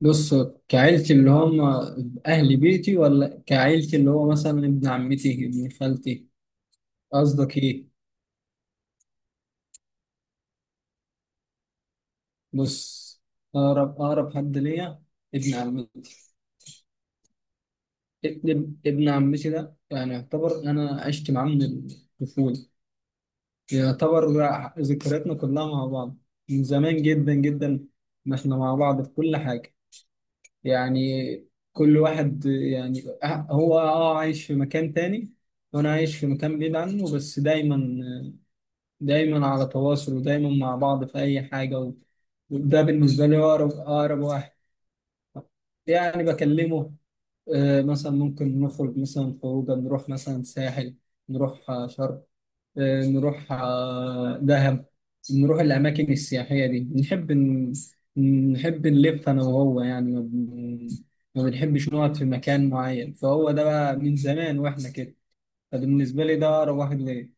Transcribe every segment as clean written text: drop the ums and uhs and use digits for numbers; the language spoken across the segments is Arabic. بص، كعيلتي اللي هم أهل بيتي، ولا كعيلتي اللي هو مثلا ابن عمتي، ابن خالتي؟ قصدك إيه؟ بص، أقرب حد ليا ابن عمتي. ابن عمتي ده يعني يعتبر أنا عشت معاه من الطفولة. يعتبر بقى ذكرياتنا كلها مع بعض من زمان جدا جدا، ما إحنا مع بعض في كل حاجة يعني. كل واحد يعني هو عايش في مكان تاني، وأنا عايش في مكان بعيد عنه، بس دايما دايما على تواصل، ودايما مع بعض في أي حاجة. وده بالنسبة لي هو أقرب واحد يعني بكلمه. مثلا ممكن نخرج مثلا خروجة، نروح مثلا ساحل، نروح شرق، نروح دهب، نروح الأماكن السياحية دي. نحب نحب نلف أنا وهو، يعني ما بنحبش نقعد في مكان معين، فهو ده بقى من زمان وإحنا كده. فبالنسبة لي ده أقرب واحد ليا.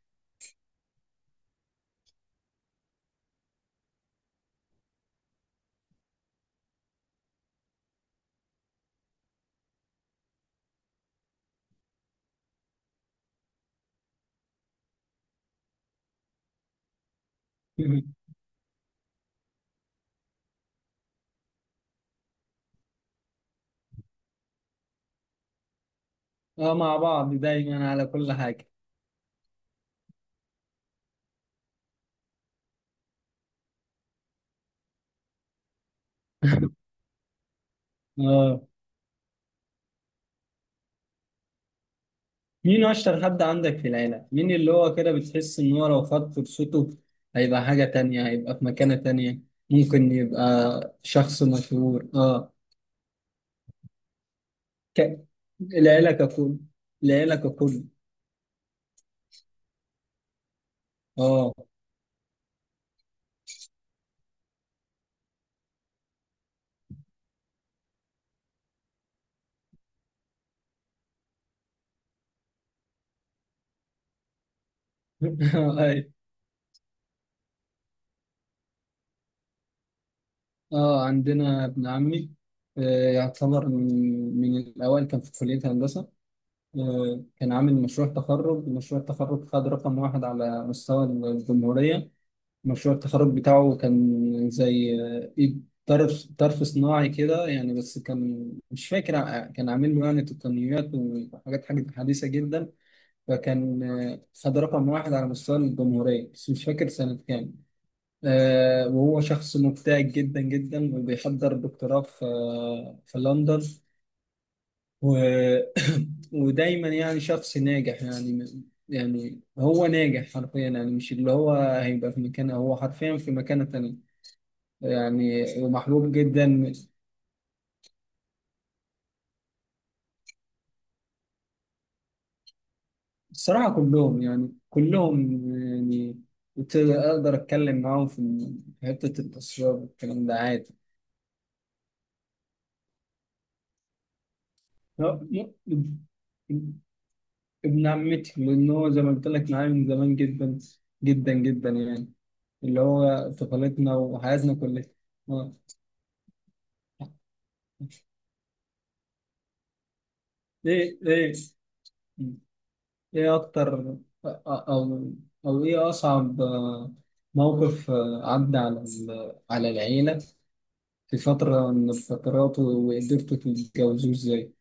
اه، مع بعض دايما على كل حاجة. اه، مين اشطر حد عندك في العيله؟ مين اللي هو كده بتحس ان هو لو خد فرصته هيبقى حاجه تانية، هيبقى في مكانه تانية؟ ممكن يبقى شخص مشهور. اه، ك... العيله ككل، العيله ككل. اه. أي. اه، عندنا ابن عمي. آه، يعتبر من الاوائل. كان في كليه هندسه. آه، كان عامل مشروع مشروع التخرج، خد رقم واحد على مستوى الجمهوريه. مشروع التخرج بتاعه كان زي إيد طرف صناعي كده يعني، بس كان مش فاكر. كان عامل له يعني تقنيات حاجة حديثة جدا. فكان خد رقم واحد على مستوى الجمهورية، بس مش فاكر سنة كام. وهو شخص مبتهج جدا جدا، وبيحضر دكتوراه في لندن و... ودايما يعني شخص ناجح يعني. يعني هو ناجح حرفيا يعني، مش اللي هو هيبقى في مكانه، هو حرفيا في مكانة تانية يعني، ومحبوب جدا. الصراحة كلهم، يعني كلهم يعني كنت أقدر أتكلم معاهم في حتة التصوير والكلام ده عادي. هو م- ابن عمتي، لأن هو زي ما قلت لك معايا من زمان جدا جدا جدا يعني، اللي هو طفولتنا وحياتنا كلها. آه. إيه، إيه، إيه أكتر، أو أو إيه أصعب موقف عدى على على العيلة في فترة من الفترات، وقدرتوا تتجوزوه ازاي؟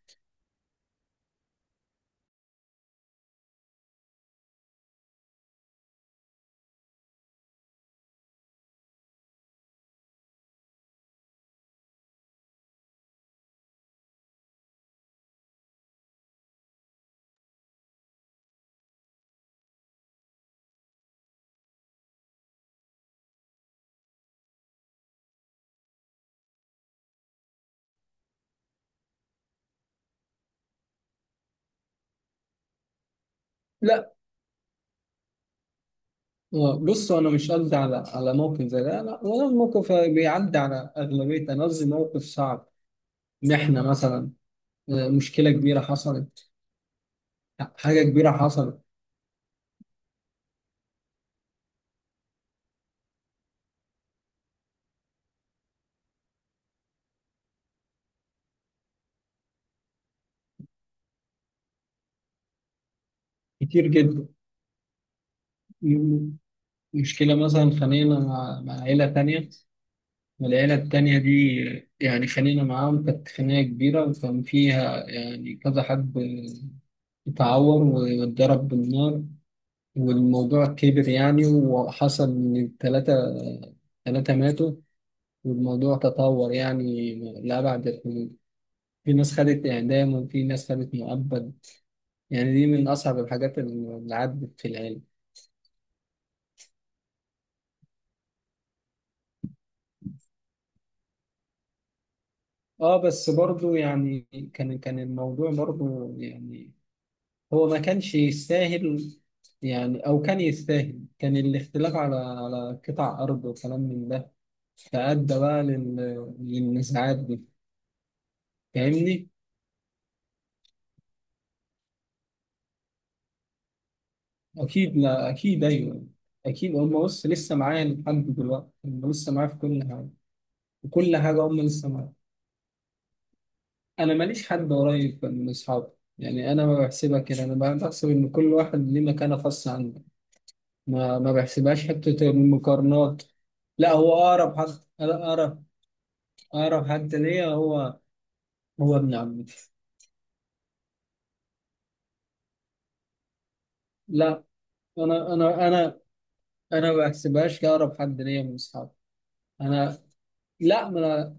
لا، بصوا أنا مش قصدي على موقف زي ده، لا، ولا الموقف بيعدي على أغلبية. أنا قصدي موقف صعب، إن إحنا مثلا مشكلة كبيرة حصلت، حاجة كبيرة حصلت. كتير جدا. م- مشكلة مثلا خانقنا مع عيلة تانية، والعيلة التانية دي يعني خانقنا معاهم، كانت خناقة كبيرة، وكان فيها يعني كذا حد اتعور واتضرب بالنار، والموضوع كبر يعني، وحصل إن ثلاثة ماتوا، والموضوع تطور يعني لأبعد الحدود. في ناس خدت إعدام، وفي ناس خدت مؤبد. يعني دي من أصعب الحاجات اللي عدت في العلم. آه، بس برضو يعني كان الموضوع، برضو يعني هو ما كانش يستاهل، يعني أو كان يستاهل. كان الاختلاف على قطع أرض، وكلام من ده، فأدى بقى للنزاعات دي. فاهمني؟ أكيد، لا أكيد أيوه. أكيد هم، بص، لسه معايا لحد دلوقتي. هم لسه معايا في كل حاجة، وكل حاجة هم لسه معايا. أنا ماليش حد قريب من أصحابي يعني. أنا ما بحسبها كده، أنا بحسب إن كل واحد ليه مكانة خاصة عنده، ما بحسبهاش حتة المقارنات. لا، هو أقرب حد، أنا أقرب حد ليا هو ابن عمتي. لا، أنا أنا أنا أنا ما بحسبهاش كأقرب حد ليا من أصحابي. أنا، لا ما أنا،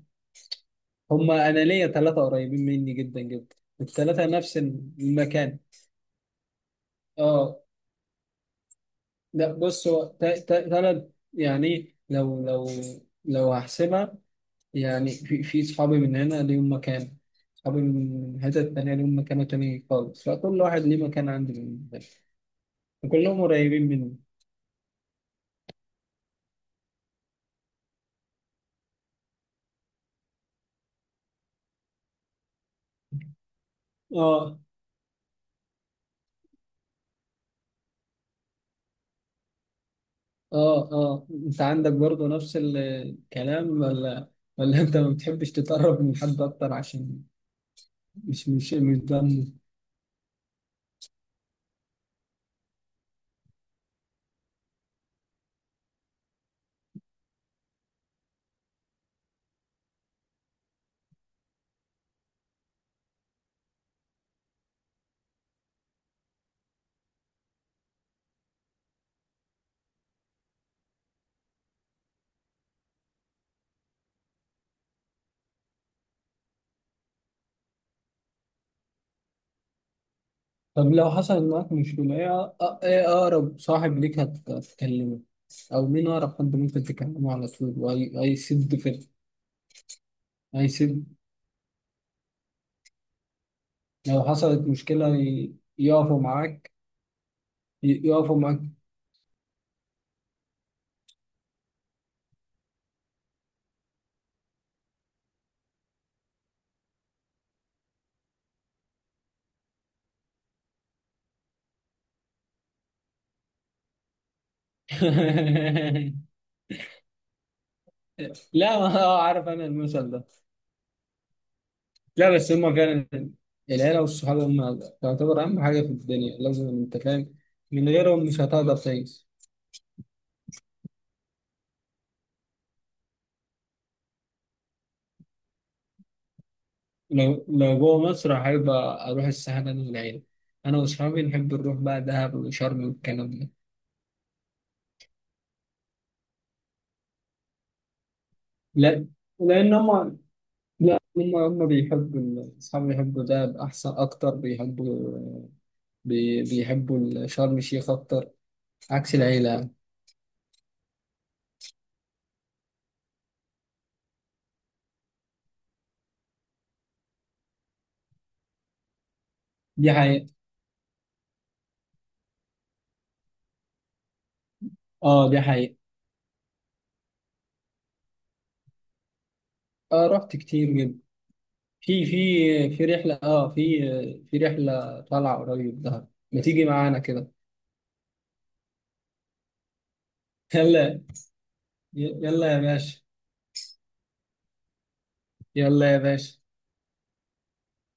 هما، انا ليا ثلاثه قريبين مني جدا جدا، الثلاثه نفس المكان. اه، لا بص، هو ثلاث يعني لو، لو هحسبها يعني، في صحابي من هنا ليهم مكان، صحابي من حتة تانية ليهم مكانة تانية خالص، فكل واحد ليه مكان عندي بالنسبة لي، وكلهم قريبين مني. اه، اه، اه، انت عندك برضه نفس الكلام، ولا انت ما بتحبش تتقرب من حد اكتر عشان؟ مش ده. طب لو حصل معاك مشكلة ايه، إيه أقرب صاحب ليك هتكلمه، أو مين أقرب حد ممكن تكلمه على طول هيسد في، هيسد لو حصلت مشكلة؟ يقفوا معاك، يقفوا معاك؟ لا، ما هو عارف أنا المثل ده. لا، بس هما فعلا العيلة والصحاب هما تعتبر أهم حاجة في الدنيا، لازم. أنت فاهم، من غيرهم مش هتقدر تعيش. لو جوه مصر أحب أروح الساحل أنا والعيلة، أنا وأصحابي نحب نروح بقى دهب وشرم والكلام ده. لا، لأن هما، لا هما، أصحابي بيحبوا دهب أحسن، أكتر بيحبوا، بيحبوا شرم الشيخ أكتر، عكس العيلة يعني. دي حقيقة. آه، دي حقيقة. آه، رحت كتير جدا. في في في رحلة، في رحلة طالعة قريب دهب، ما تيجي معانا كده؟ يلا، يلا يا باشا، يلا يا باشا.